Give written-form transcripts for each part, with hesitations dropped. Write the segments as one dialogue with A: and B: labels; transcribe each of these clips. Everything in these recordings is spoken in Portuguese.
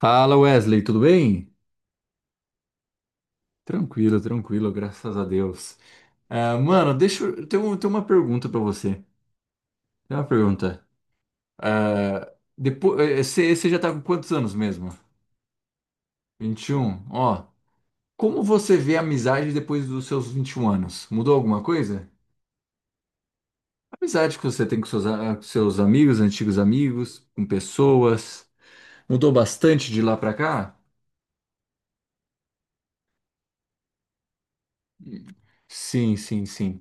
A: Fala Wesley, tudo bem? Tranquilo, tranquilo, graças a Deus. Ah, mano, deixa eu. Tem uma pergunta pra você. Tem uma pergunta. Ah, depois, você já tá com quantos anos mesmo? 21. Ó, como você vê a amizade depois dos seus 21 anos? Mudou alguma coisa? A amizade que você tem com seus amigos, antigos amigos, com pessoas. Mudou bastante de lá pra cá? Hum, Sim, sim, sim.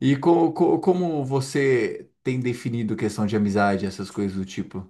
A: E como você tem definido questão de amizade, essas coisas do tipo?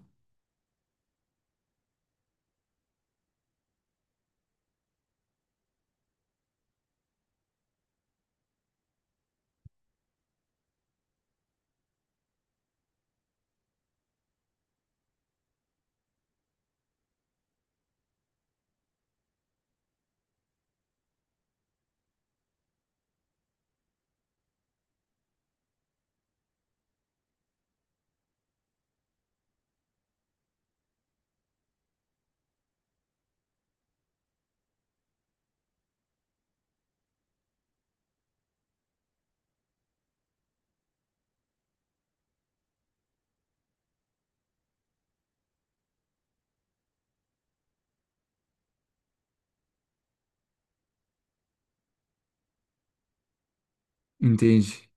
A: Entende?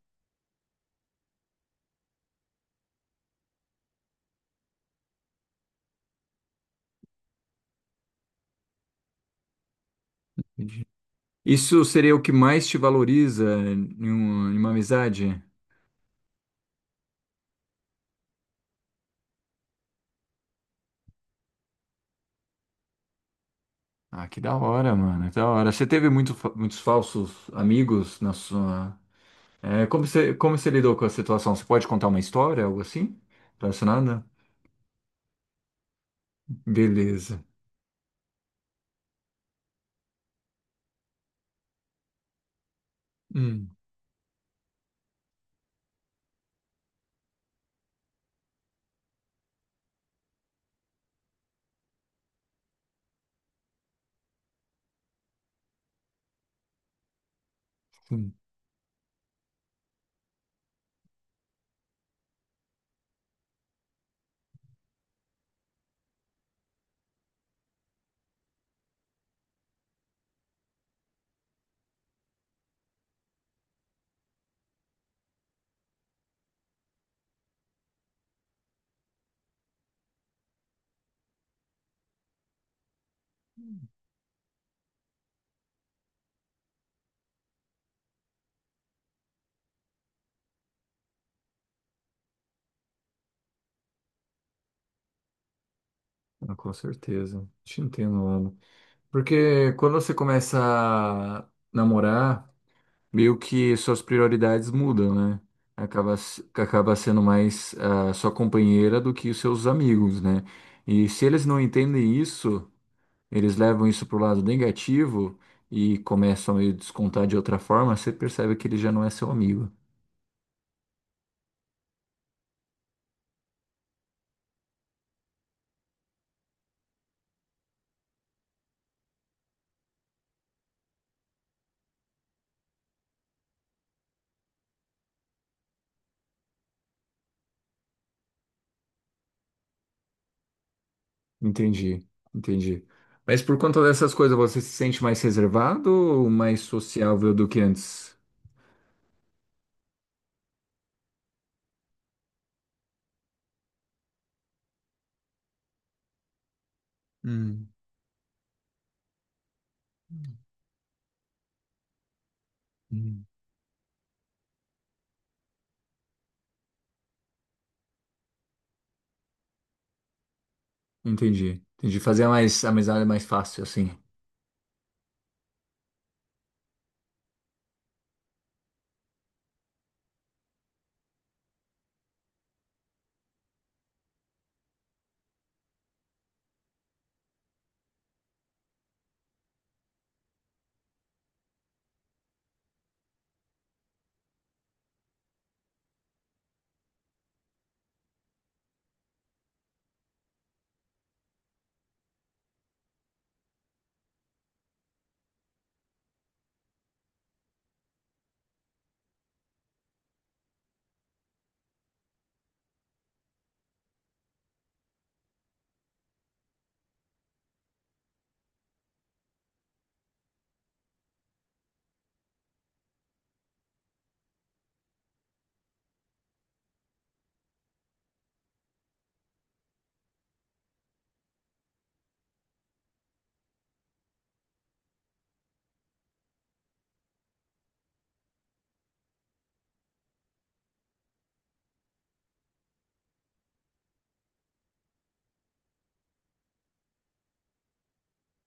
A: Entendi. Isso seria o que mais te valoriza em em uma amizade? Ah, que da hora, mano, que da hora. Você teve muitos falsos amigos na sua. É, como você lidou com a situação? Você pode contar uma história, algo assim? Relacionada? Beleza. Hum, sim. Ah, com certeza. Te entendo, mano. Porque quando você começa a namorar, meio que suas prioridades mudam, né? Acaba, se- acaba sendo mais a sua companheira do que os seus amigos, né? E se eles não entendem isso, eles levam isso pro lado negativo e começam a meio descontar de outra forma, você percebe que ele já não é seu amigo. Entendi, entendi. Mas por conta dessas coisas, você se sente mais reservado ou mais sociável do que antes? Hum, hum. Entendi, entendi. Fazer mais amizade é mais fácil, assim.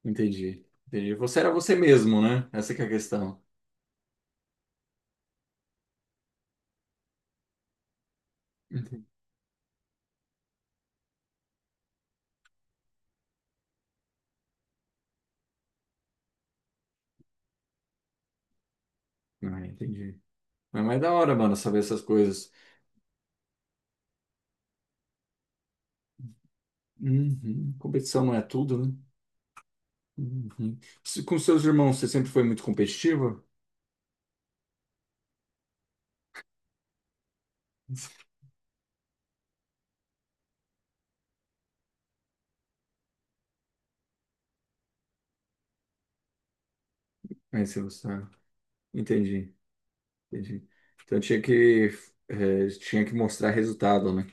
A: Entendi. Entendi. Você era você mesmo, né? Essa que é a questão. Entendi. Ah, entendi. Mas é mais da hora, mano, saber essas coisas. Uhum. Competição não é tudo, né? Uhum. Com seus irmãos, você sempre foi muito competitiva? É. se você... Entendi, entendi. Então tinha que mostrar resultado, né?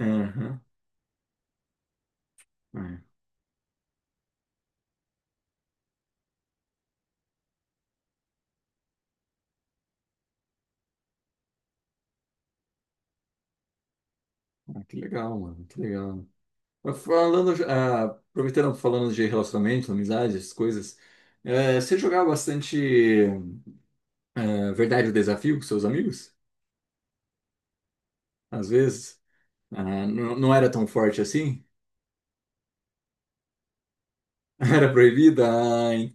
A: Aham. Ah, é. Ah, que legal, mano, que legal. Mas falando, aproveitando, falando de relacionamento, amizade, essas coisas, você jogava bastante. Ah, verdade, o desafio com seus amigos? Às vezes, ah, não, não era tão forte assim? Era proibida? Ai,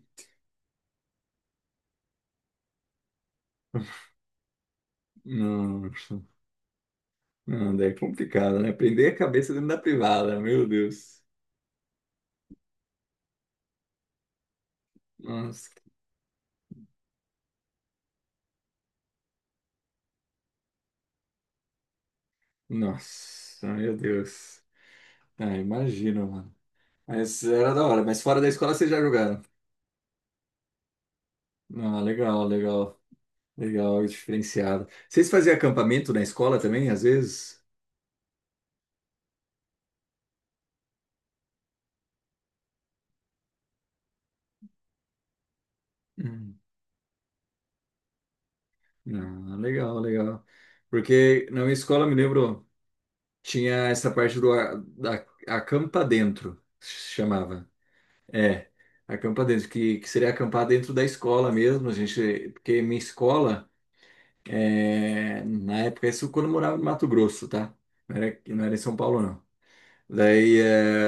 A: nossa, não, daí é complicado, né? Prender a cabeça dentro da privada, meu Deus. Nossa, nossa, meu Deus. Ah, imagina, mano. Mas era da hora, mas fora da escola vocês já jogaram. Ah, legal, legal, legal, diferenciado. Vocês faziam acampamento na escola também, às vezes? Hum. Ah, legal, legal. Porque na minha escola, eu me lembro. Tinha essa parte da acampa dentro, se chamava. É, acampa dentro, que seria acampar dentro da escola mesmo, a gente, porque minha escola, na época, isso quando eu morava no Mato Grosso, tá? Não era, não era em São Paulo, não. Daí,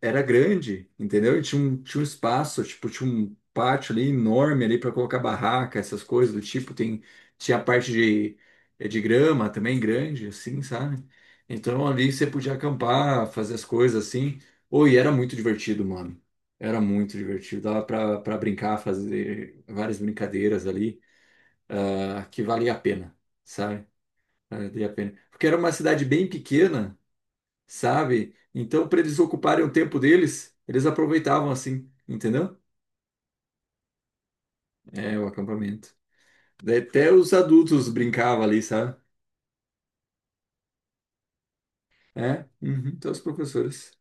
A: era grande, entendeu? E tinha um espaço, tipo, tinha um pátio ali enorme ali para colocar barraca, essas coisas do tipo. Tinha a parte de grama também grande, assim, sabe? Então ali você podia acampar, fazer as coisas assim. Ô, e era muito divertido, mano. Era muito divertido. Dava pra brincar, fazer várias brincadeiras ali, ah, que valia a pena, sabe? Valia a pena. Porque era uma cidade bem pequena, sabe? Então, para eles ocuparem o tempo deles, eles aproveitavam assim, entendeu? É, o acampamento. Daí até os adultos brincavam ali, sabe? É, uhum, até os professores.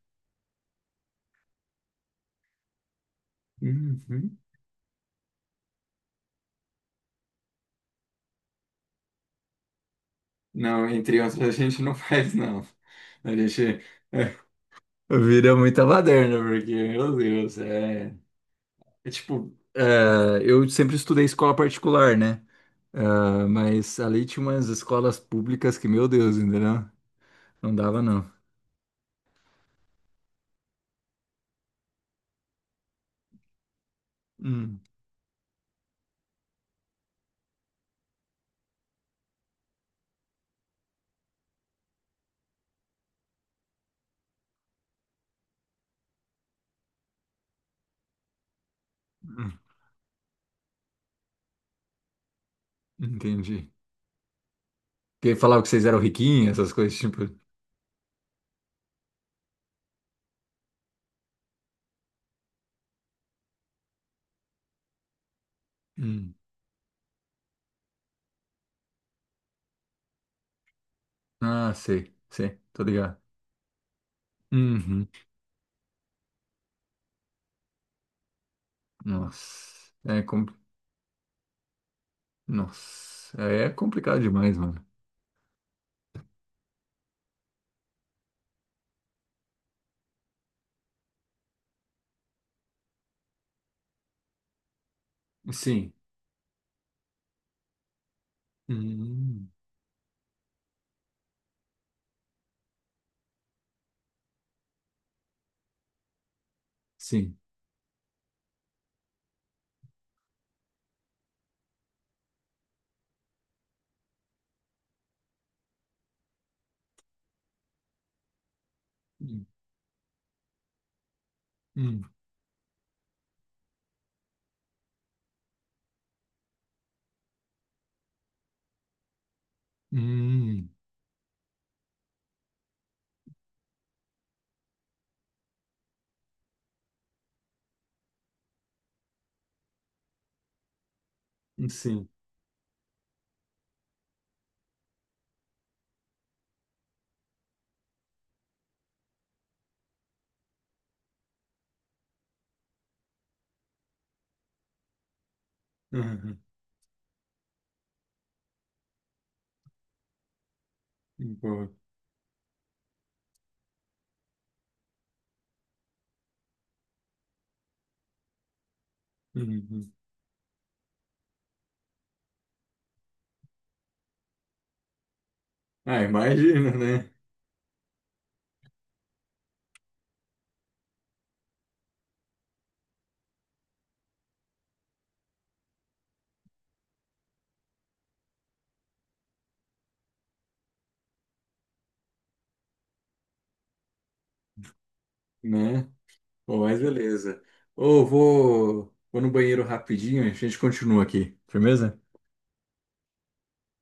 A: Uhum. Não, entre outros, a gente não faz, não. A gente é, vira muita baderna, porque, meu Deus, é. É tipo, eu sempre estudei escola particular, né? É, mas ali tinha umas escolas públicas que, meu Deus, entendeu? Não dava, não. Hum, hum, entendi. Que falava que vocês eram riquinhos, essas coisas, tipo. Hum. Ah, sei, sei, tô ligado. Uhum. Nossa. É. Nossa. É complicado demais, mano. Sim. Hum. Sim. Hum. Hum. Hum. Sim. Uhum. Boa. Uhum. Ah, imagina, né? Né? Pô, mas beleza. Ô, vou no banheiro rapidinho, a gente continua aqui. Firmeza?